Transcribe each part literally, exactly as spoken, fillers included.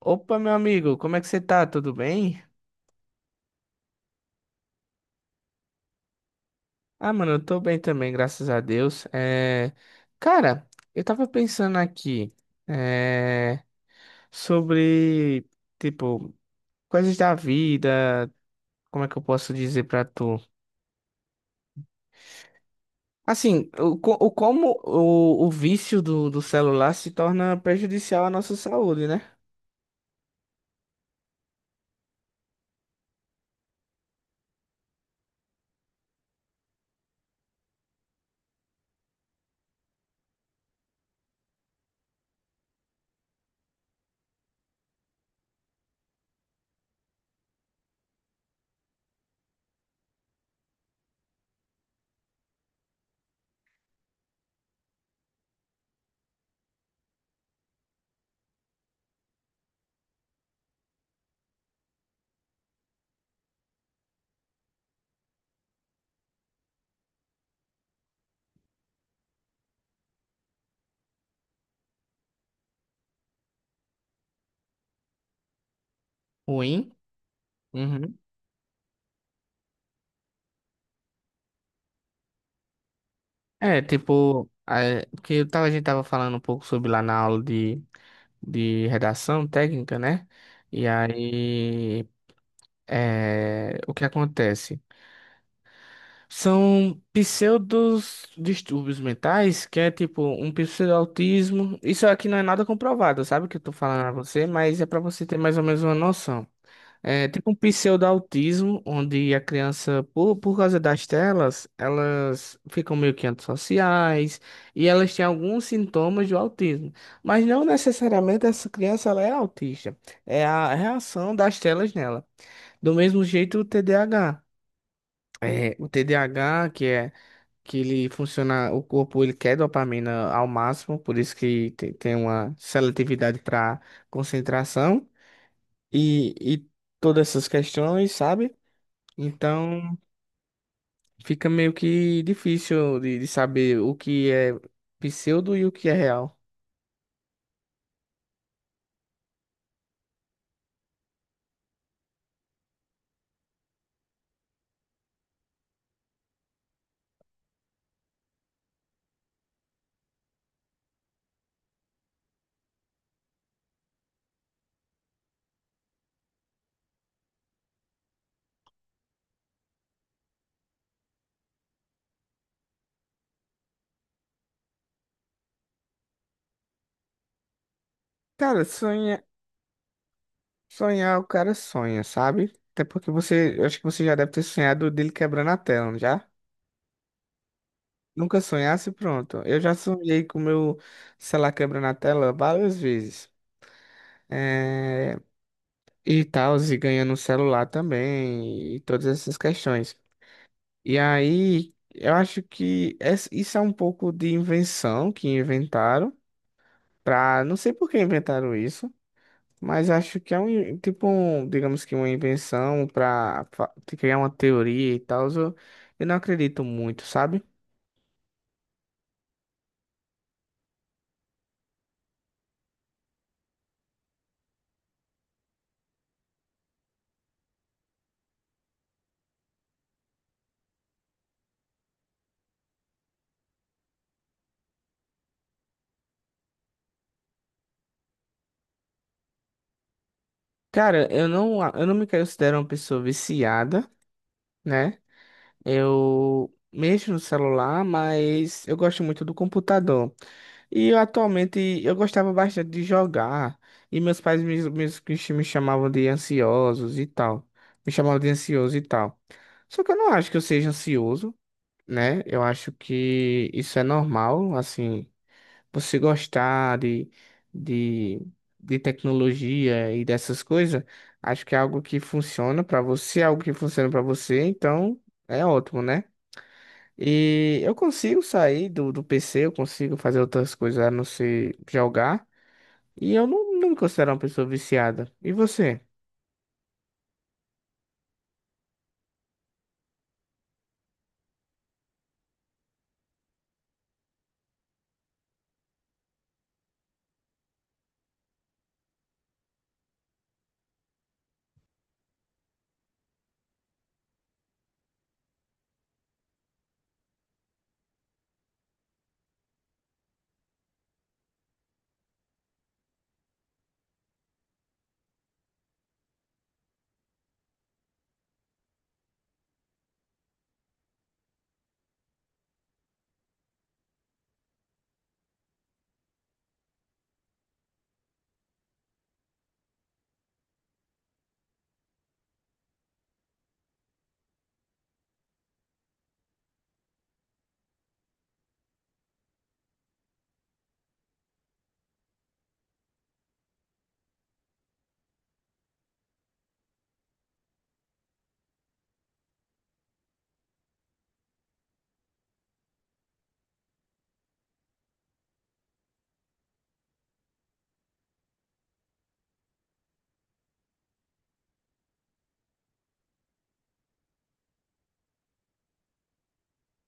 Opa, meu amigo, como é que você tá? Tudo bem? Ah, mano, eu tô bem também, graças a Deus. É... Cara, eu tava pensando aqui é... sobre, tipo, coisas da vida, como é que eu posso dizer pra tu? Assim, o, co- o como o, o vício do, do celular se torna prejudicial à nossa saúde, né? Ruim. Uhum. É, tipo, é, porque eu tava, a gente tava falando um pouco sobre lá na aula de, de redação técnica, né? E aí, é, o que acontece? São pseudos distúrbios mentais, que é tipo um pseudo-autismo. Isso aqui não é nada comprovado, sabe? O que eu tô falando a você, mas é pra você ter mais ou menos uma noção. É tipo um pseudo-autismo, onde a criança, por, por causa das telas, elas ficam meio que antissociais e elas têm alguns sintomas do autismo. Mas não necessariamente essa criança ela é autista. É a reação das telas nela. Do mesmo jeito o T D A H. É, o T D A H, que é que ele funciona, o corpo ele quer dopamina ao máximo, por isso que te- tem uma seletividade para concentração e, e todas essas questões, sabe? Então fica meio que difícil de, de saber o que é pseudo e o que é real. Cara, sonha, sonhar o cara sonha, sabe? Até porque você, eu acho que você já deve ter sonhado dele quebrando a tela, não já? Nunca sonhasse, pronto. Eu já sonhei com o meu celular quebrando a tela várias vezes. É, e tal, e ganhando um celular também, e todas essas questões. E aí, eu acho que essa- isso é um pouco de invenção que inventaram. Pra, não sei por que inventaram isso, mas acho que é um, in- tipo, um, digamos que uma invenção pra fa- te criar uma teoria e tal. Eu, eu não acredito muito, sabe? Cara, eu não, a- eu não me considero uma pessoa viciada, né? Eu mexo no celular, mas eu gosto muito do computador. E eu, atualmente eu gostava bastante de jogar. E meus pais me, me, me chamavam de ansiosos e tal. Me chamavam de ansioso e tal. Só que eu não acho que eu seja ansioso, né? Eu acho que isso é normal, assim, você gostar de, de, de tecnologia e dessas coisas. Acho que é algo que funciona pra você, é algo que funciona pra você, então é ótimo, né? E eu consigo sair do, do P C, eu consigo fazer outras coisas a não ser jogar, e eu não, não me considero uma pessoa viciada. E você?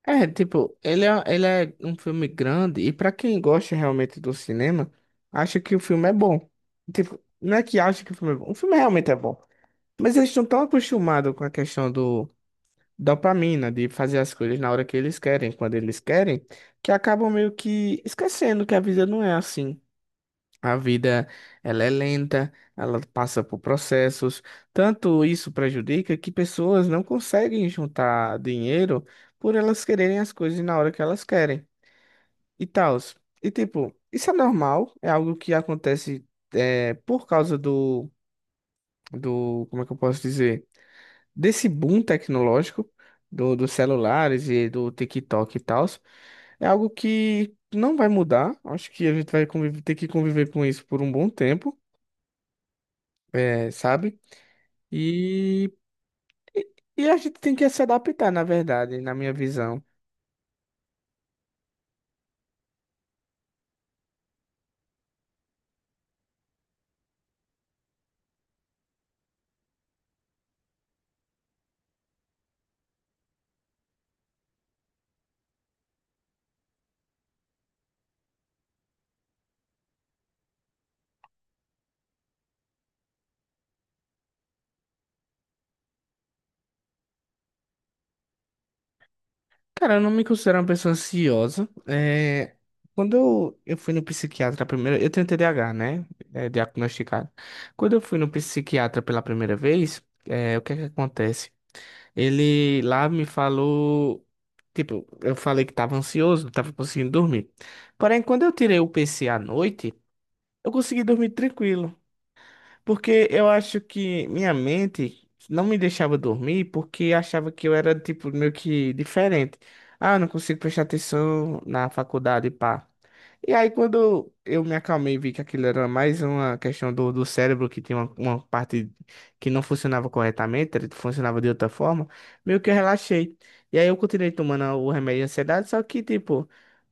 É, tipo, ele é, ele é um filme grande e pra quem gosta realmente do cinema, acha que o filme é bom. Tipo, não é que acha que o filme é bom, o filme realmente é bom. Mas eles estão tão acostumados com a questão do dopamina, de fazer as coisas na hora que eles querem, quando eles querem, que acabam meio que esquecendo que a vida não é assim. A vida, ela é lenta, ela passa por processos. Tanto isso prejudica que pessoas não conseguem juntar dinheiro por elas quererem as coisas na hora que elas querem e tal. E tipo, isso é normal, é algo que acontece, é, por causa do, do, como é que eu posso dizer? Desse boom tecnológico do, dos celulares e do TikTok e tal. É algo que não vai mudar. Acho que a gente vai conviver- ter que conviver com isso por um bom tempo, é, sabe? E, e a gente tem que se adaptar, na verdade, na minha visão. Cara, eu não me considero uma pessoa ansiosa. É, quando eu, eu fui no psiquiatra primeiro, eu tenho T D A H, né? É, diagnosticado. Quando eu fui no psiquiatra pela primeira vez, é, o que é que acontece? Ele lá me falou. Tipo, eu falei que tava ansioso, não tava conseguindo dormir. Porém, quando eu tirei o P C à noite, eu consegui dormir tranquilo. Porque eu acho que minha mente não me deixava dormir porque achava que eu era, tipo, meio que diferente. Ah, eu não consigo prestar atenção na faculdade, pá. E aí, quando eu me acalmei e vi que aquilo era mais uma questão do, do cérebro, que tinha uma, uma parte que não funcionava corretamente, ele funcionava de outra forma, meio que eu relaxei. E aí, eu continuei tomando o remédio de ansiedade, só que tipo,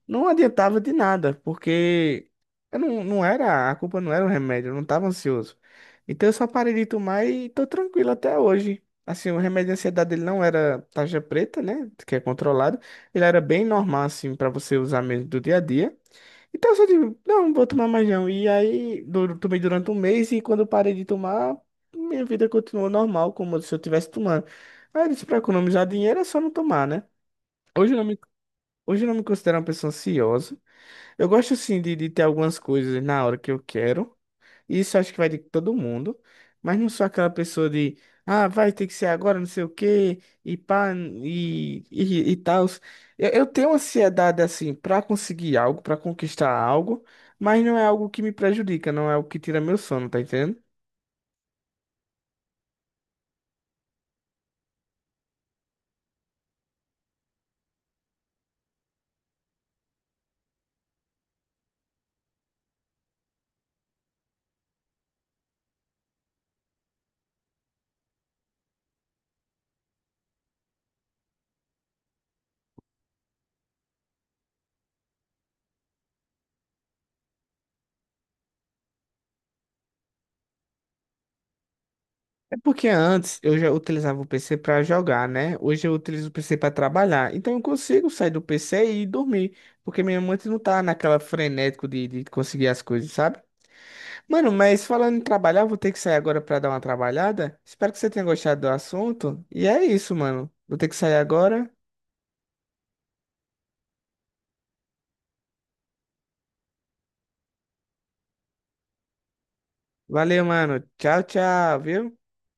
não adiantava de nada, porque eu não, não era, a culpa não era o remédio, eu não estava ansioso. Então eu só parei de tomar e tô tranquilo até hoje. Assim, o remédio de ansiedade ele não era tarja preta, né? Que é controlado. Ele era bem normal, assim, para você usar mesmo do dia a dia. Então eu só digo, não, não vou tomar mais não. E aí, du- tomei durante um mês e quando eu parei de tomar, minha vida continuou normal, como se eu estivesse tomando. Aí eu disse, pra economizar dinheiro é só não tomar, né? Hoje eu não me, hoje eu não me considero uma pessoa ansiosa. Eu gosto sim de, de ter algumas coisas na hora que eu quero. Isso acho que vai de todo mundo. Mas não sou aquela pessoa de, ah, vai ter que ser agora, não sei o quê, e pá, e, e, e tal. Eu, eu tenho ansiedade assim pra conseguir algo, pra conquistar algo, mas não é algo que me prejudica, não é algo que tira meu sono, tá entendendo? É porque antes eu já utilizava o P C para jogar, né? Hoje eu utilizo o P C para trabalhar. Então eu consigo sair do P C e ir dormir. Porque minha mente não tá naquela frenético de, de conseguir as coisas, sabe? Mano, mas falando em trabalhar, eu vou ter que sair agora para dar uma trabalhada. Espero que você tenha gostado do assunto. E é isso, mano. Vou ter que sair agora. Valeu, mano. Tchau, tchau, viu?